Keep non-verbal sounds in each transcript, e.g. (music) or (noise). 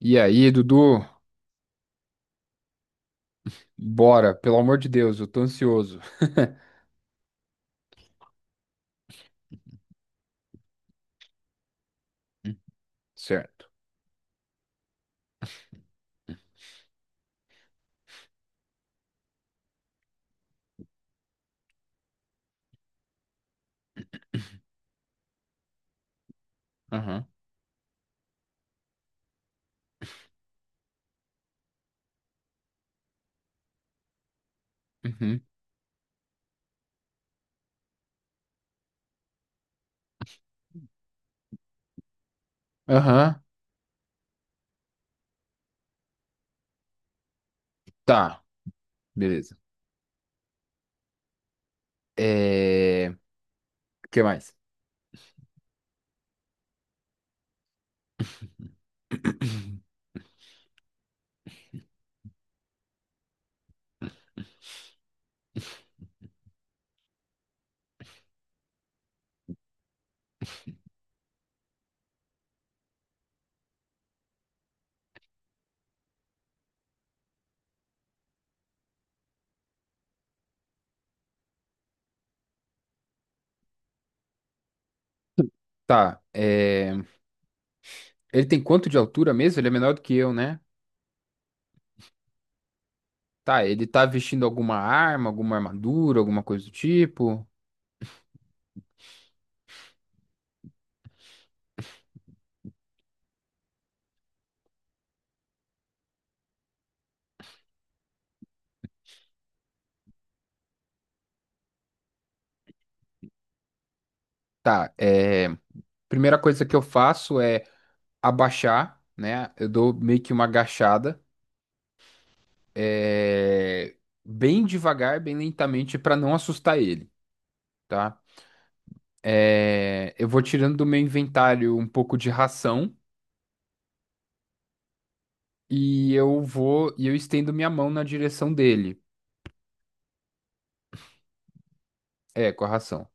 E aí, Dudu? Bora, pelo amor de Deus, eu tô ansioso. (laughs) Certo. Aham. Uhum. Aham. Tá, beleza. O que mais? (coughs) (clears throat) Tá. Ele tem quanto de altura mesmo? Ele é menor do que eu, né? Tá, ele tá vestindo alguma arma, alguma armadura, alguma coisa do tipo? Tá. Primeira coisa que eu faço é abaixar, né? Eu dou meio que uma agachada, é, bem devagar, bem lentamente, para não assustar ele, tá? Eu vou tirando do meu inventário um pouco de ração e eu vou e eu estendo minha mão na direção dele, com a ração.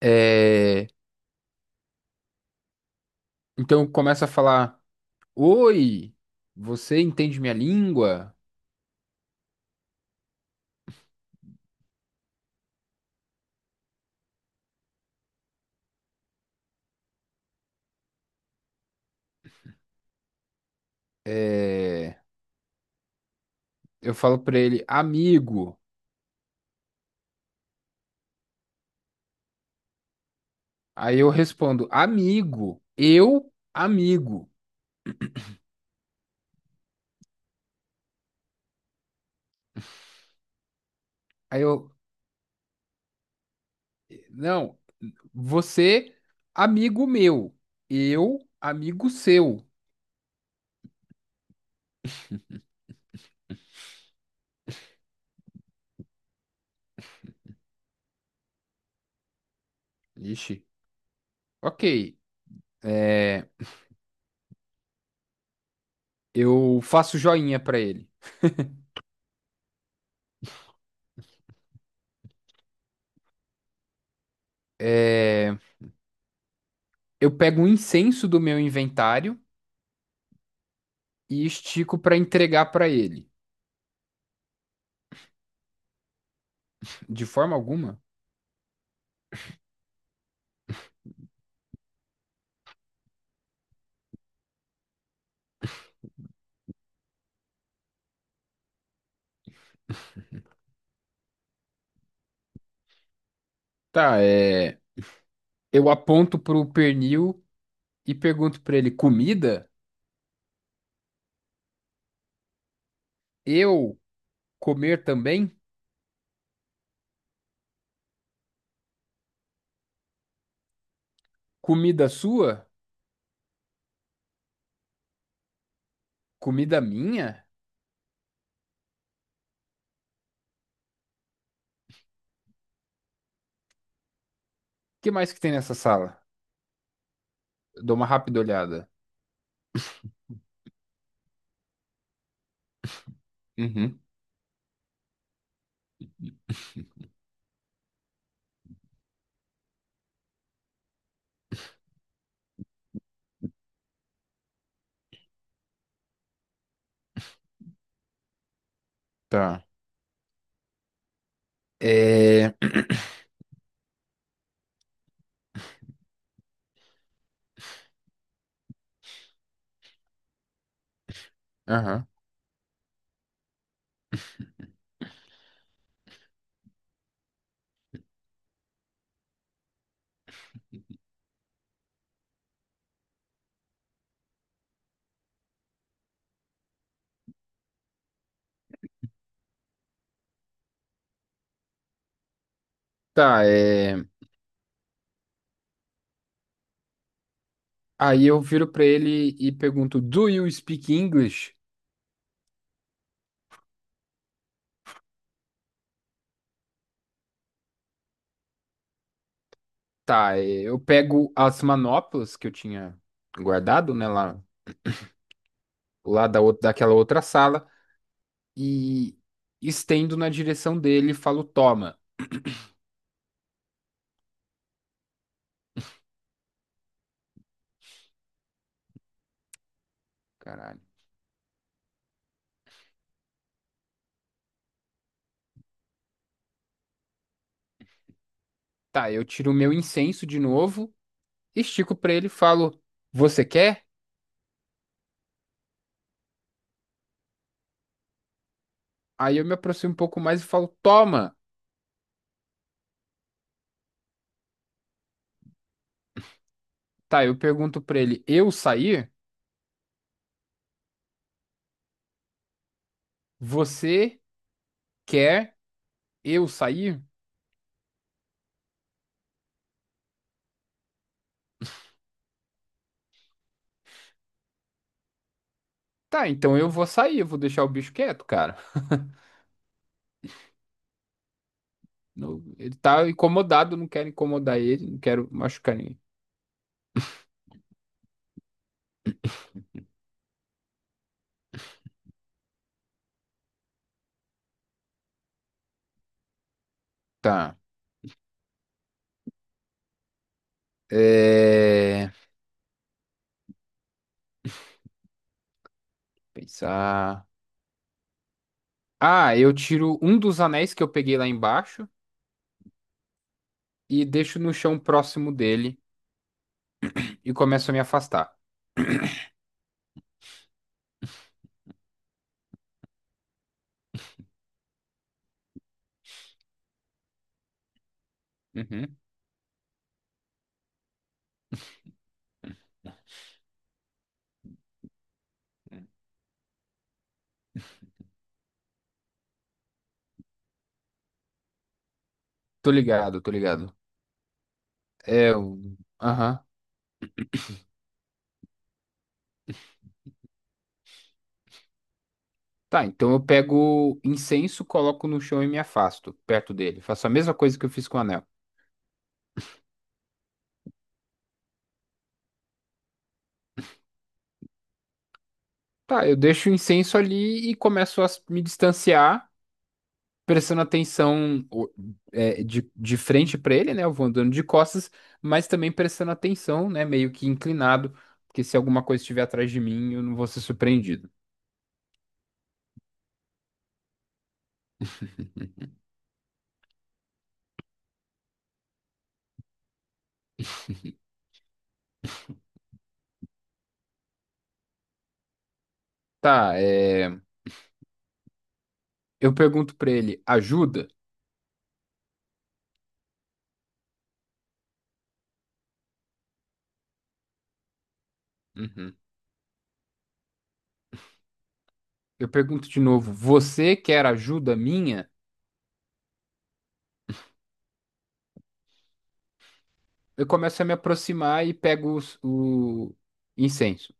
É, então começa a falar: oi, você entende minha língua? É, eu falo para ele, amigo. Aí eu respondo, amigo, eu, amigo. Aí eu, Não, você, amigo meu. Eu, amigo seu. Ixi, ok. É, eu faço joinha pra ele. É, eu pego um incenso do meu inventário e estico pra entregar pra ele. De forma alguma? Tá, é. Eu aponto pro pernil e pergunto pra ele: comida? Eu comer também? Comida sua? Comida minha? O que mais que tem nessa sala? Eu dou uma rápida olhada. Uhum. Tá. É... (clears throat) Aham. Tá. Aí eu viro pra ele e pergunto, do you speak English? Tá. Eu pego as manoplas que eu tinha guardado, né, lá da outra, daquela outra sala e estendo na direção dele e falo, toma. Caralho. Tá, eu tiro o meu incenso de novo, estico pra ele e falo, você quer? Aí eu me aproximo um pouco mais e falo, toma. Tá, eu pergunto pra ele, eu sair? Você quer eu sair? Tá, então eu vou sair, eu vou deixar o bicho quieto, cara. Ele tá incomodado, não quero incomodar ele, não quero machucar ninguém. Tá. É... Pensar. Ah, eu tiro um dos anéis que eu peguei lá embaixo e deixo no chão próximo dele e começo a me afastar. Uhum. Tô ligado, tô ligado. É, o- aham. Tá, então eu pego incenso, coloco no chão e me afasto perto dele. Faço a mesma coisa que eu fiz com o anel. Tá, eu deixo o incenso ali e começo a me distanciar, prestando atenção de frente para ele, né? Eu vou andando de costas, mas também prestando atenção, né? Meio que inclinado, porque se alguma coisa estiver atrás de mim, eu não vou ser surpreendido. Tá. Eu pergunto para ele, ajuda? Uhum. Eu pergunto de novo, você quer ajuda minha? Eu começo a me aproximar e pego o incenso.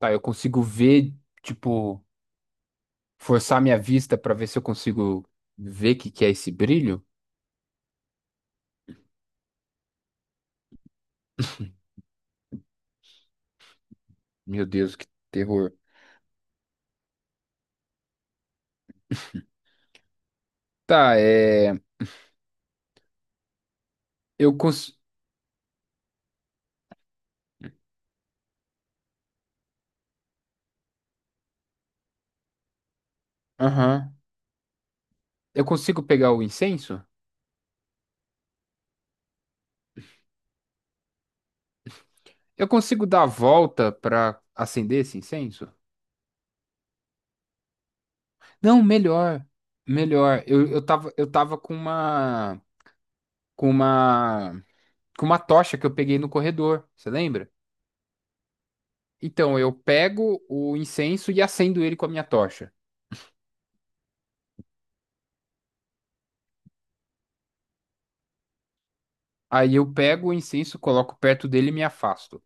Tá, eu consigo ver, tipo, forçar minha vista para ver se eu consigo ver o que que é esse brilho. Meu Deus, que terror. Tá, é. Eu cons... Aham. Eu consigo pegar o incenso? Eu consigo dar a volta pra acender esse incenso? Não, melhor. Melhor. Eu tava com uma. Com uma. Com uma tocha que eu peguei no corredor. Você lembra? Então, eu pego o incenso e acendo ele com a minha tocha. Aí eu pego o incenso, coloco perto dele e me afasto.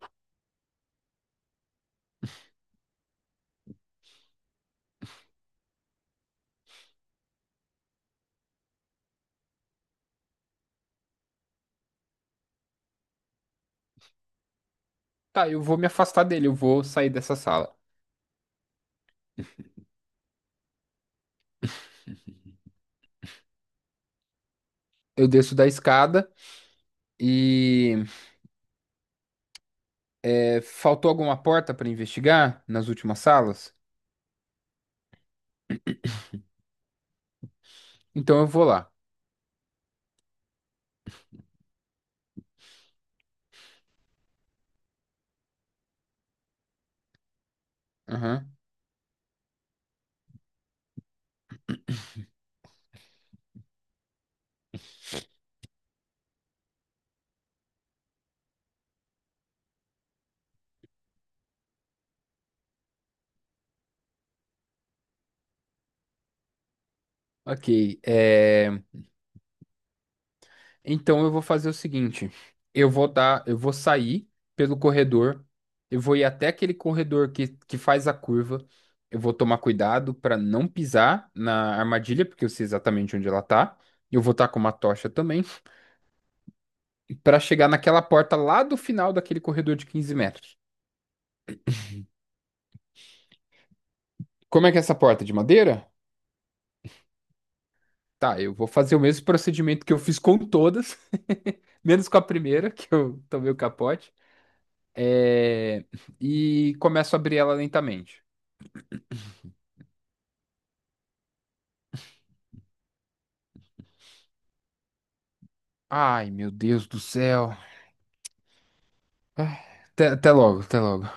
Tá, eu vou me afastar dele, eu vou sair dessa sala. Eu desço da escada e faltou alguma porta para investigar nas últimas salas? Então eu vou lá. Aham. Ok. Então eu vou fazer o seguinte: eu vou sair pelo corredor, eu vou ir até aquele corredor que faz a curva. Eu vou tomar cuidado para não pisar na armadilha, porque eu sei exatamente onde ela tá. Eu vou estar com uma tocha também, para chegar naquela porta lá do final daquele corredor de 15 metros. Como é que é essa porta? De madeira? Tá, eu vou fazer o mesmo procedimento que eu fiz com todas. Menos com a primeira, (laughs) que eu tomei o capote. É, E começo a abrir ela lentamente. Ai, meu Deus do céu. Ah, Até logo, até logo.